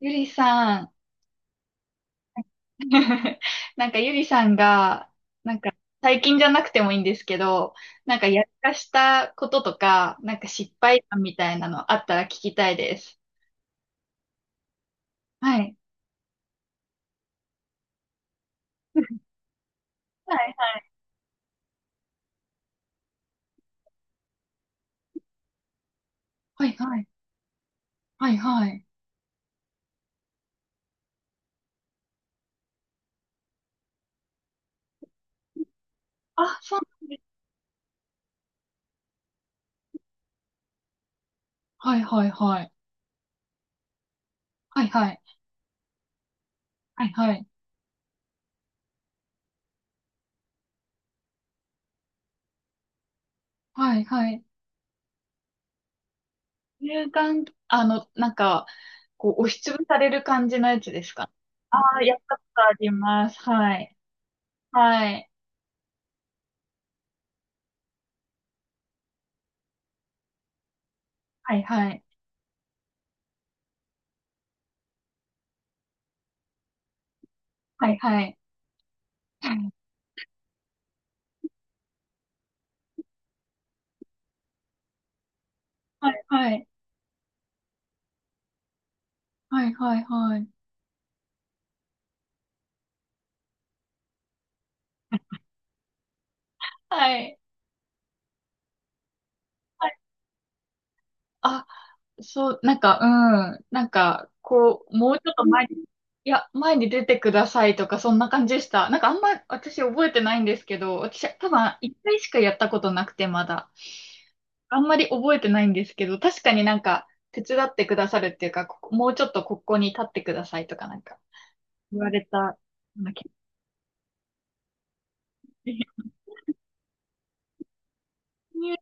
ゆりさん。ゆりさんが、なんか最近じゃなくてもいいんですけど、やらかしたこととか、失敗談みたいなのあったら聞きたいです。はい。はいはい。はいはい。はいはい。あ、そうなんですね。はいはいはい。はいはい。はいはい。はいはい。乳がん、押しつぶされる感じのやつですか？ああー、やったことあります。はい。はい。はいはい。はいはい。はい、はい、はい、はい、はい。はい。はい。あ、もうちょっと前に、いや、前に出てくださいとか、そんな感じでした。あんま私覚えてないんですけど、私、多分、一回しかやったことなくて、まだ。あんまり覚えてないんですけど、確かに手伝ってくださるっていうか、ここもうちょっとここに立ってくださいとか、言われたような気がします。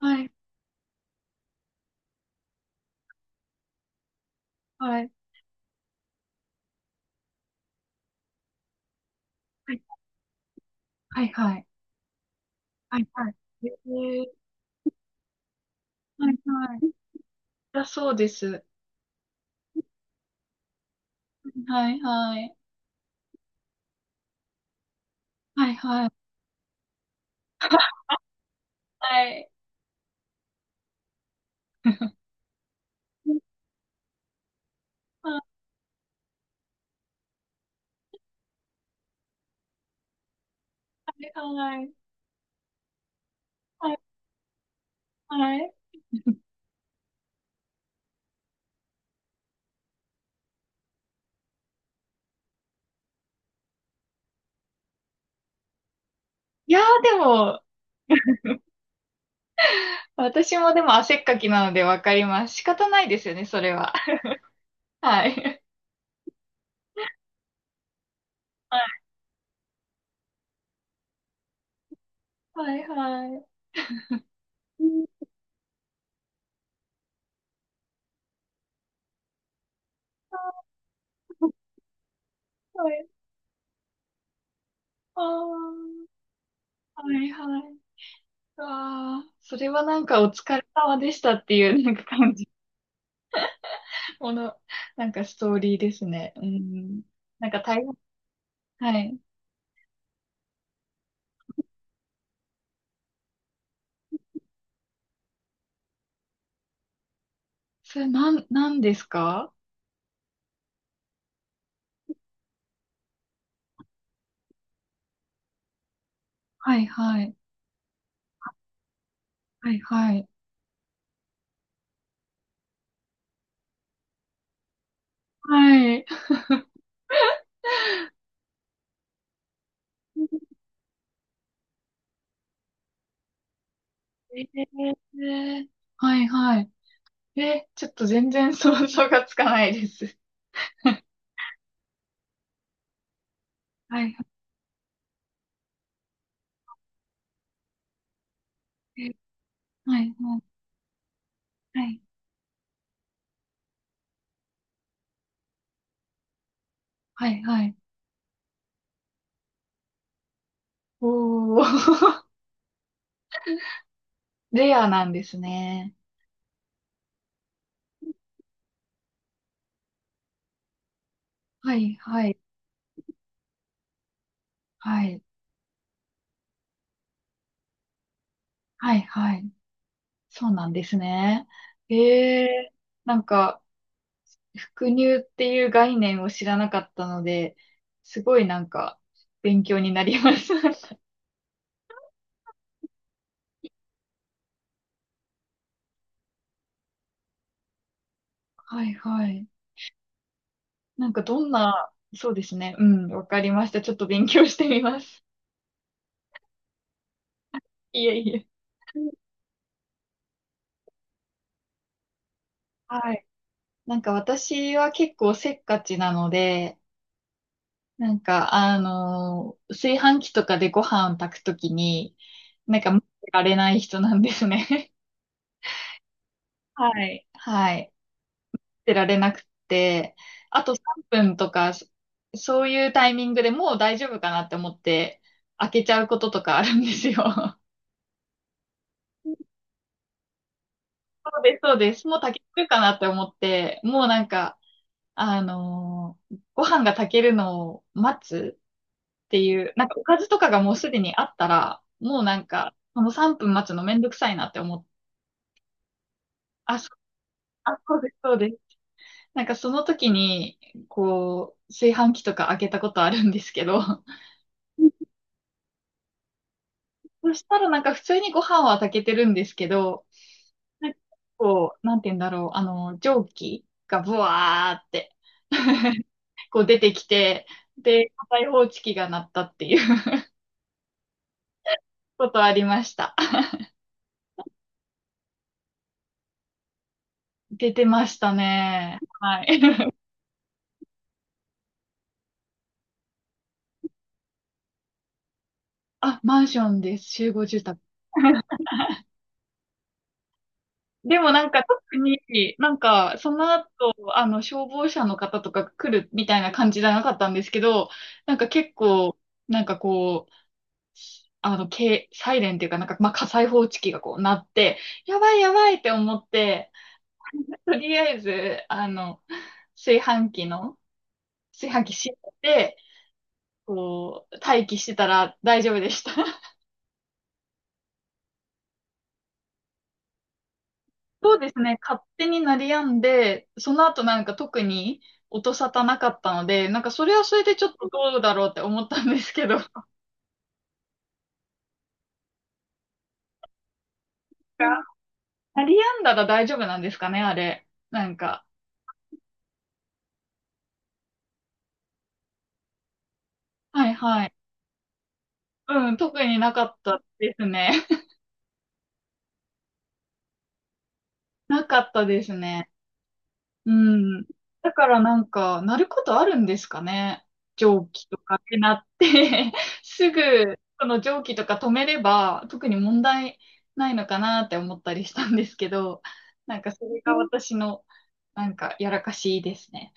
はい、はい、はい、はい、はい、はい、はい。えーはい、はい。だそうです。はいはい。はいはい。はい。はいはい。はいはい。いやーでも、私もでも汗っかきなのでわかります。仕方ないですよね、それは。はい。はいはい。うん。はい。ああ。はいはい。ああ、それはお疲れ様でしたっていう、感じ、この、ストーリーですね。うん。なんか大変、はい。それなん、なんですか？はいはい。はいはい。はい。えー。はいはい。え、ちょっと全然想像がつかないです。はいはい。はいはい。はいはい。おー。レアなんですね。はいはいはい。はいはい。そうなんですね。ええ。なんか、伏乳っていう概念を知らなかったので、すごい勉強になりました。はいはい。なんかどんな、そうですね。うん、わかりました。ちょっと勉強してみます。いえいえ。はい。なんか私は結構せっかちなので、炊飯器とかでご飯を炊くときに、なんか待ってられない人なんですね。はい。はい。待ってられなくて、あと3分とか、そういうタイミングでもう大丈夫かなって思って、開けちゃうこととかあるんですよ。そうです、そうです。もう炊けてるかなって思って、もうなんか、あのー、ご飯が炊けるのを待つっていう、なんかおかずとかがもうすでにあったら、もうなんか、この3分待つのめんどくさいなって思って、あ、そあ、そうです、そうです。なんかその時に、こう、炊飯器とか開けたことあるんですけど、そしたらなんか普通にご飯は炊けてるんですけど、なんかこう、なんて言うんだろう、あの、蒸気がブワーって、こう出てきて、で、火災報知器が鳴ったっていうことありました。出てましたね。はい。あ、マンションです。集合住宅。でもなんか特に。なんかその後、あの消防車の方とか来るみたいな感じじゃなかったんですけど、なんか結構、なんかこう、サイレンっていうかなんか、まあ、火災報知器がこう鳴って、やばいやばいって思って、とりあえず、あの、炊飯器の、炊飯器閉めて、こう、待機してたら大丈夫でした。そうですね。勝手に鳴り止んで、その後なんか特に音沙汰なかったので、なんかそれはそれでちょっとどうだろうって思ったんですけど、鳴り止んだら大丈夫なんですかね、あれ。なんか。はいはい。うん、特になかったですね。なかったですね。うん。だからなんか、なることあるんですかね。蒸気とかってなって すぐ、この蒸気とか止めれば、特に問題ないのかなって思ったりしたんですけど、なんかそれが私の、なんか、やらかしですね。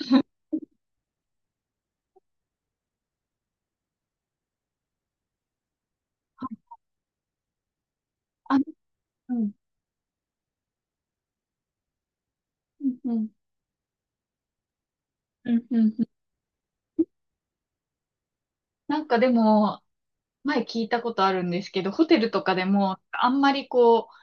あ、ん、うん、うん、うん。なんかでも、前聞いたことあるんですけど、ホテルとかでも、あんまりこう、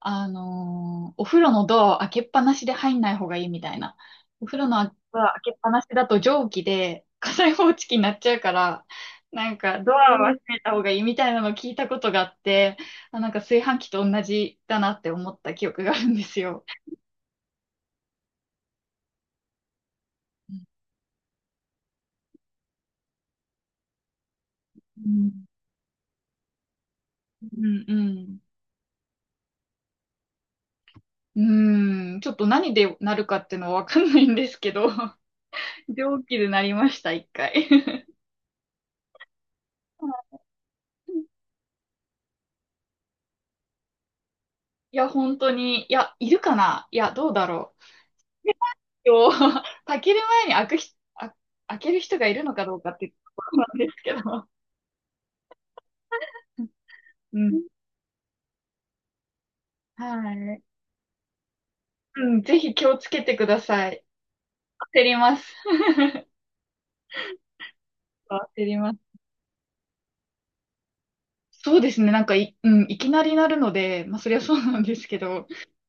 あのーお風呂のドアを開けっぱなしで入んない方がいいみたいな。お風呂のドア開けっぱなしだと蒸気で火災報知器になっちゃうから、なんかドアは閉めた方がいいみたいなのを聞いたことがあって、あ、なんか炊飯器と同じだなって思った記憶があるんですよ。うん、うん、うん。うん、ちょっと何でなるかっていうのはわかんないんですけど、蒸気でなりました、一回。いや、本当に、いや、いるかな。いや、どうだろう。を 炊ける前に開くひ、あ、開ける人がいるのかどうかっていうところなんですけど。うん。はい。うん、ぜひ気をつけてください。焦ります。焦ります。そうですね。なんかい、うん、いきなりなるので、まあ、そりゃそうなんですけど、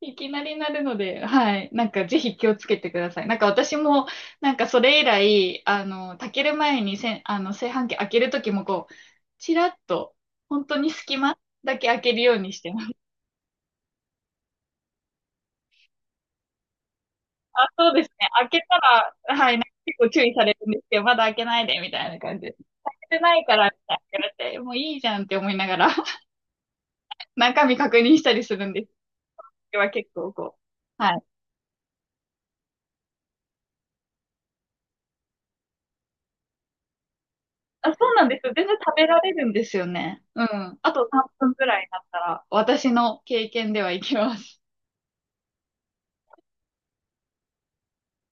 いきなりなるので、はい。なんか、ぜひ気をつけてください。なんか、私も、なんか、それ以来、あの、炊ける前にせん、あの、炊飯器開けるときも、こう、ちらっと、本当に隙間だけ開けるようにしてます。あ、そうですね。開けたら、はい、なんか結構注意されるんですけど、まだ開けないで、みたいな感じで。開けてないから、みたいな言われて、もういいじゃんって思いながら、中身確認したりするんです。これは結構こう。はい。あ、そうなんですよ。全然食べられるんですよね。うん。あと3分くらいになったら、私の経験ではいけます。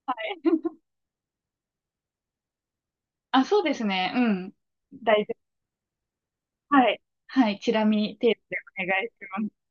はい。あ、そうですね。うん。大丈夫。はい。はい。チラ見程度でお願いします。